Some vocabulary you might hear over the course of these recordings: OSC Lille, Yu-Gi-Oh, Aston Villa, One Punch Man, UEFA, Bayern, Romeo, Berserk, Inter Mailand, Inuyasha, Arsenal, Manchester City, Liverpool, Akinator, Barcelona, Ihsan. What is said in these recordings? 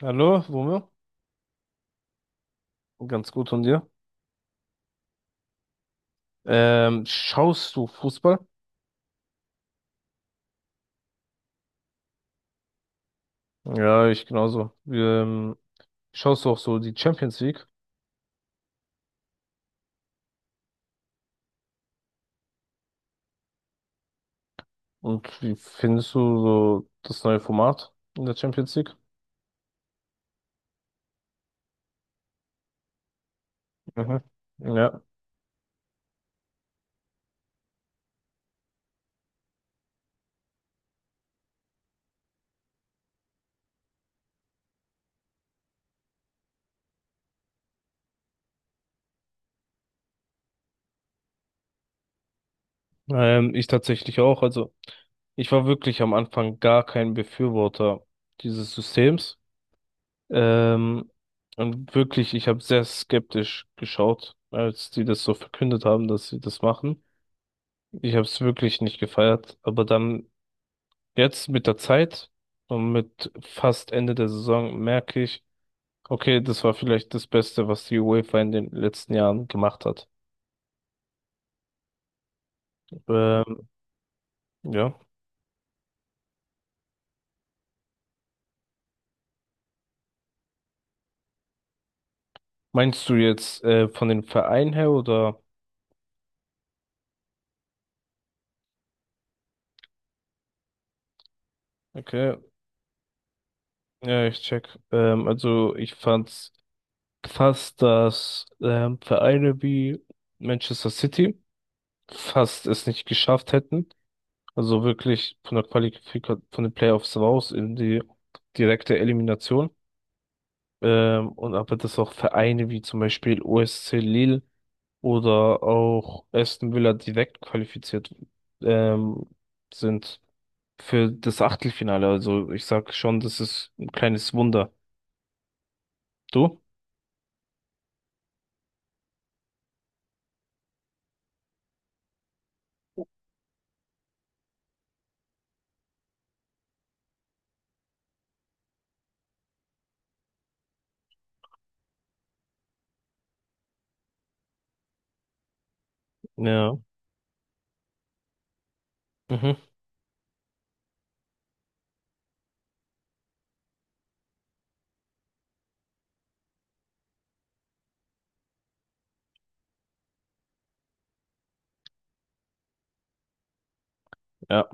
Hallo, Romeo. Ganz gut von dir. Schaust du Fußball? Ja, ich genauso. Schaust du auch so die Champions League? Und wie findest du so das neue Format in der Champions League? Mhm. Ja, ich tatsächlich auch. Also ich war wirklich am Anfang gar kein Befürworter dieses Systems. Ähm, und wirklich, ich habe sehr skeptisch geschaut, als die das so verkündet haben, dass sie das machen. Ich habe es wirklich nicht gefeiert, aber dann jetzt mit der Zeit und mit fast Ende der Saison merke ich, okay, das war vielleicht das Beste, was die UEFA in den letzten Jahren gemacht hat. Ähm, ja. Meinst du jetzt von den Vereinen her oder? Okay, ja, ich check. Also ich fand's krass, dass Vereine wie Manchester City fast es nicht geschafft hätten. Also wirklich von der Qualifikation, von den Playoffs raus in die direkte Elimination. Und aber dass auch Vereine wie zum Beispiel OSC Lille oder auch Aston Villa direkt qualifiziert ähm, sind für das Achtelfinale. Also ich sag schon, das ist ein kleines Wunder. Du? Ja. Mhm. Ja.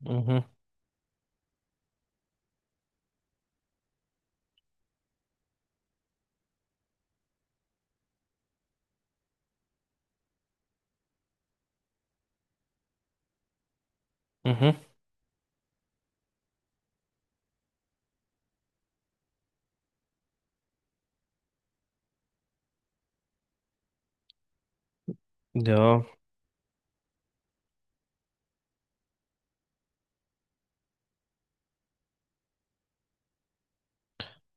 Mhm. Mhm. Ja.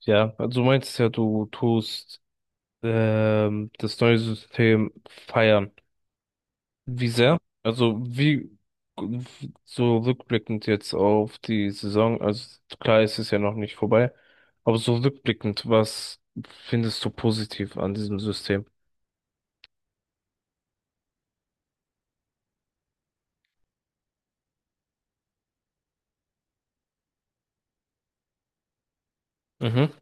Ja. Also du meinst ja, du tust das neue System feiern. Wie sehr? Also wie so rückblickend jetzt auf die Saison, also klar, es ist ja noch nicht vorbei, aber so rückblickend, was findest du positiv an diesem System? Mhm,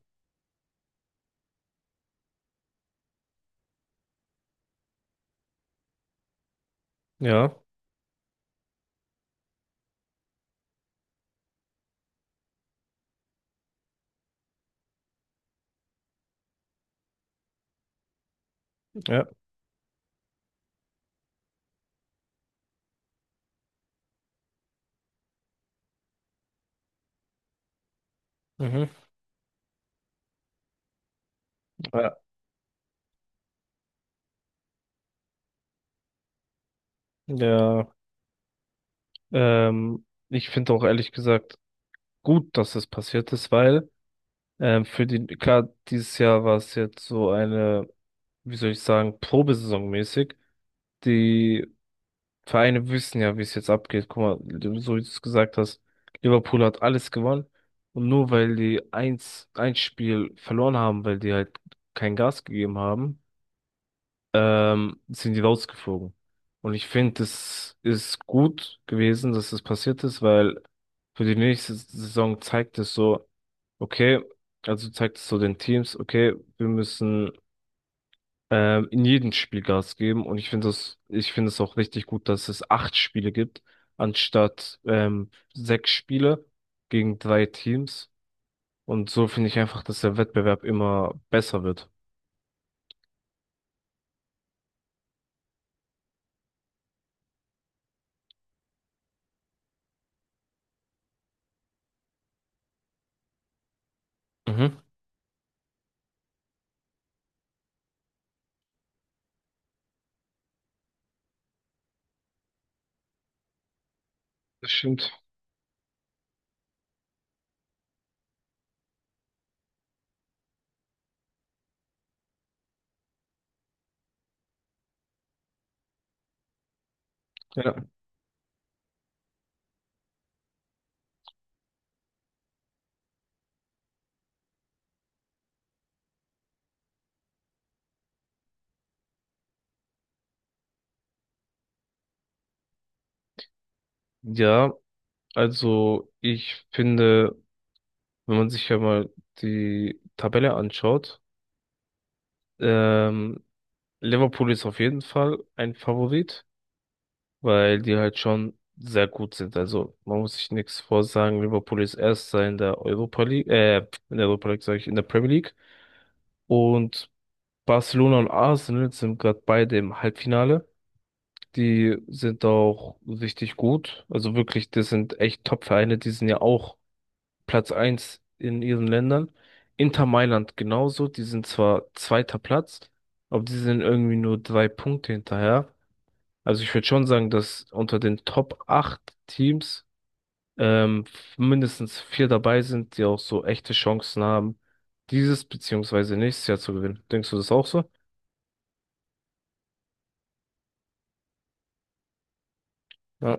ja, ja, mhm, ja, ja, ich finde auch ehrlich gesagt gut, dass es passiert ist, weil für die, klar, dieses Jahr war es jetzt so eine, wie soll ich sagen, Probesaison mäßig, die Vereine wissen ja, wie es jetzt abgeht. Guck mal, so wie du es gesagt hast, Liverpool hat alles gewonnen. Und nur weil die eins, ein Spiel verloren haben, weil die halt kein Gas gegeben haben, sind die rausgeflogen. Und ich finde, es ist gut gewesen, dass das passiert ist, weil für die nächste Saison zeigt es so, okay, also zeigt es so den Teams, okay, wir müssen in jedem Spiel Gas geben. Und ich finde es auch richtig gut, dass es 8 Spiele gibt, anstatt 6 Spiele gegen drei Teams. Und so finde ich einfach, dass der Wettbewerb immer besser wird. Mhm. Das stimmt. Ja. Ja, also ich finde, wenn man sich ja mal die Tabelle anschaut, ähm, Liverpool ist auf jeden Fall ein Favorit, weil die halt schon sehr gut sind. Also man muss sich nichts vorsagen. Liverpool ist Erster in der Europa League, in der Premier League. Und Barcelona und Arsenal sind gerade beide im Halbfinale. Die sind auch richtig gut. Also wirklich, das sind echt Top-Vereine. Die sind ja auch Platz eins in ihren Ländern. Inter Mailand genauso. Die sind zwar zweiter Platz, aber die sind irgendwie nur 3 Punkte hinterher. Also ich würde schon sagen, dass unter den Top 8 Teams ähm, mindestens vier dabei sind, die auch so echte Chancen haben, dieses beziehungsweise nächstes Jahr zu gewinnen. Denkst du das auch so? Ja.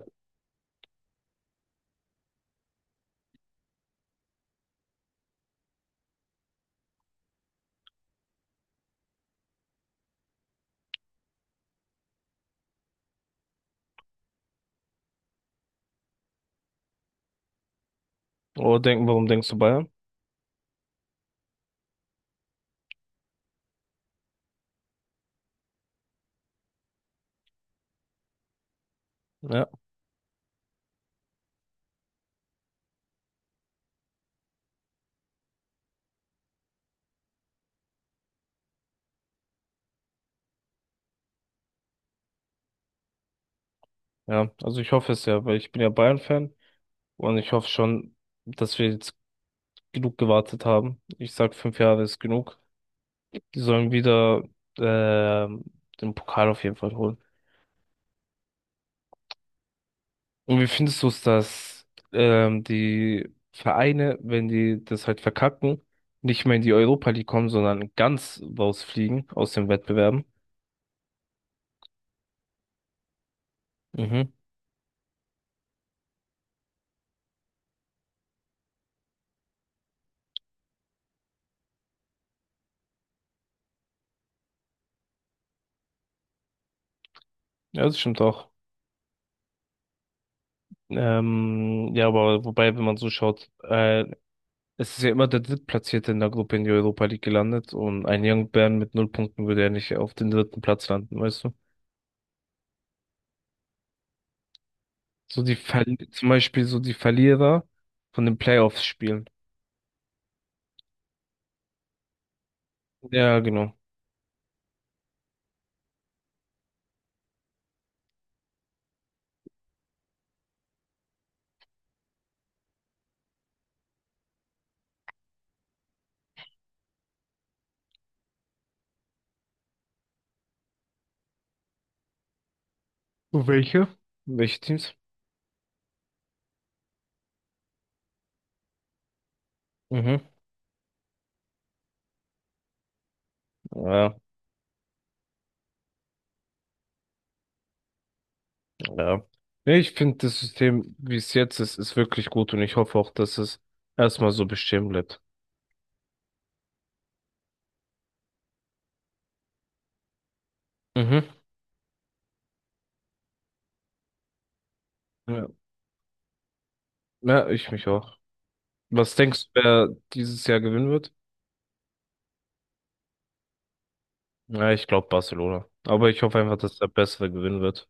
Warum denkst du Bayern? Ja, ja. Also ich hoffe es ja, weil ich bin ja Bayern-Fan und ich hoffe schon, dass wir jetzt genug gewartet haben. Ich sag, 5 Jahre ist genug. Die sollen wieder ähm, den Pokal auf jeden Fall holen. Und wie findest du es, dass die Vereine, wenn die das halt verkacken, nicht mehr in die Europa League kommen, sondern ganz rausfliegen aus den Wettbewerben? Mhm. Ja, das stimmt auch. Ja, aber wobei, wenn man so schaut, es ist ja immer der Drittplatzierte in der Gruppe in die Europa League gelandet und ein Young Bern mit 0 Punkten würde ja nicht auf den dritten Platz landen, weißt du? So die Ver zum Beispiel so die Verlierer von den Playoffs spielen. Ja, genau. Und welche? Welche Teams? Mhm. Ja, ja. Nee, ich finde das System, wie es jetzt ist, ist wirklich gut und ich hoffe auch, dass es erstmal so bestehen bleibt. Mhm. Ja. Ja, ich mich auch. Was denkst du, wer dieses Jahr gewinnen wird? Ja, ich glaube Barcelona. Aber ich hoffe einfach, dass der Bessere gewinnen wird.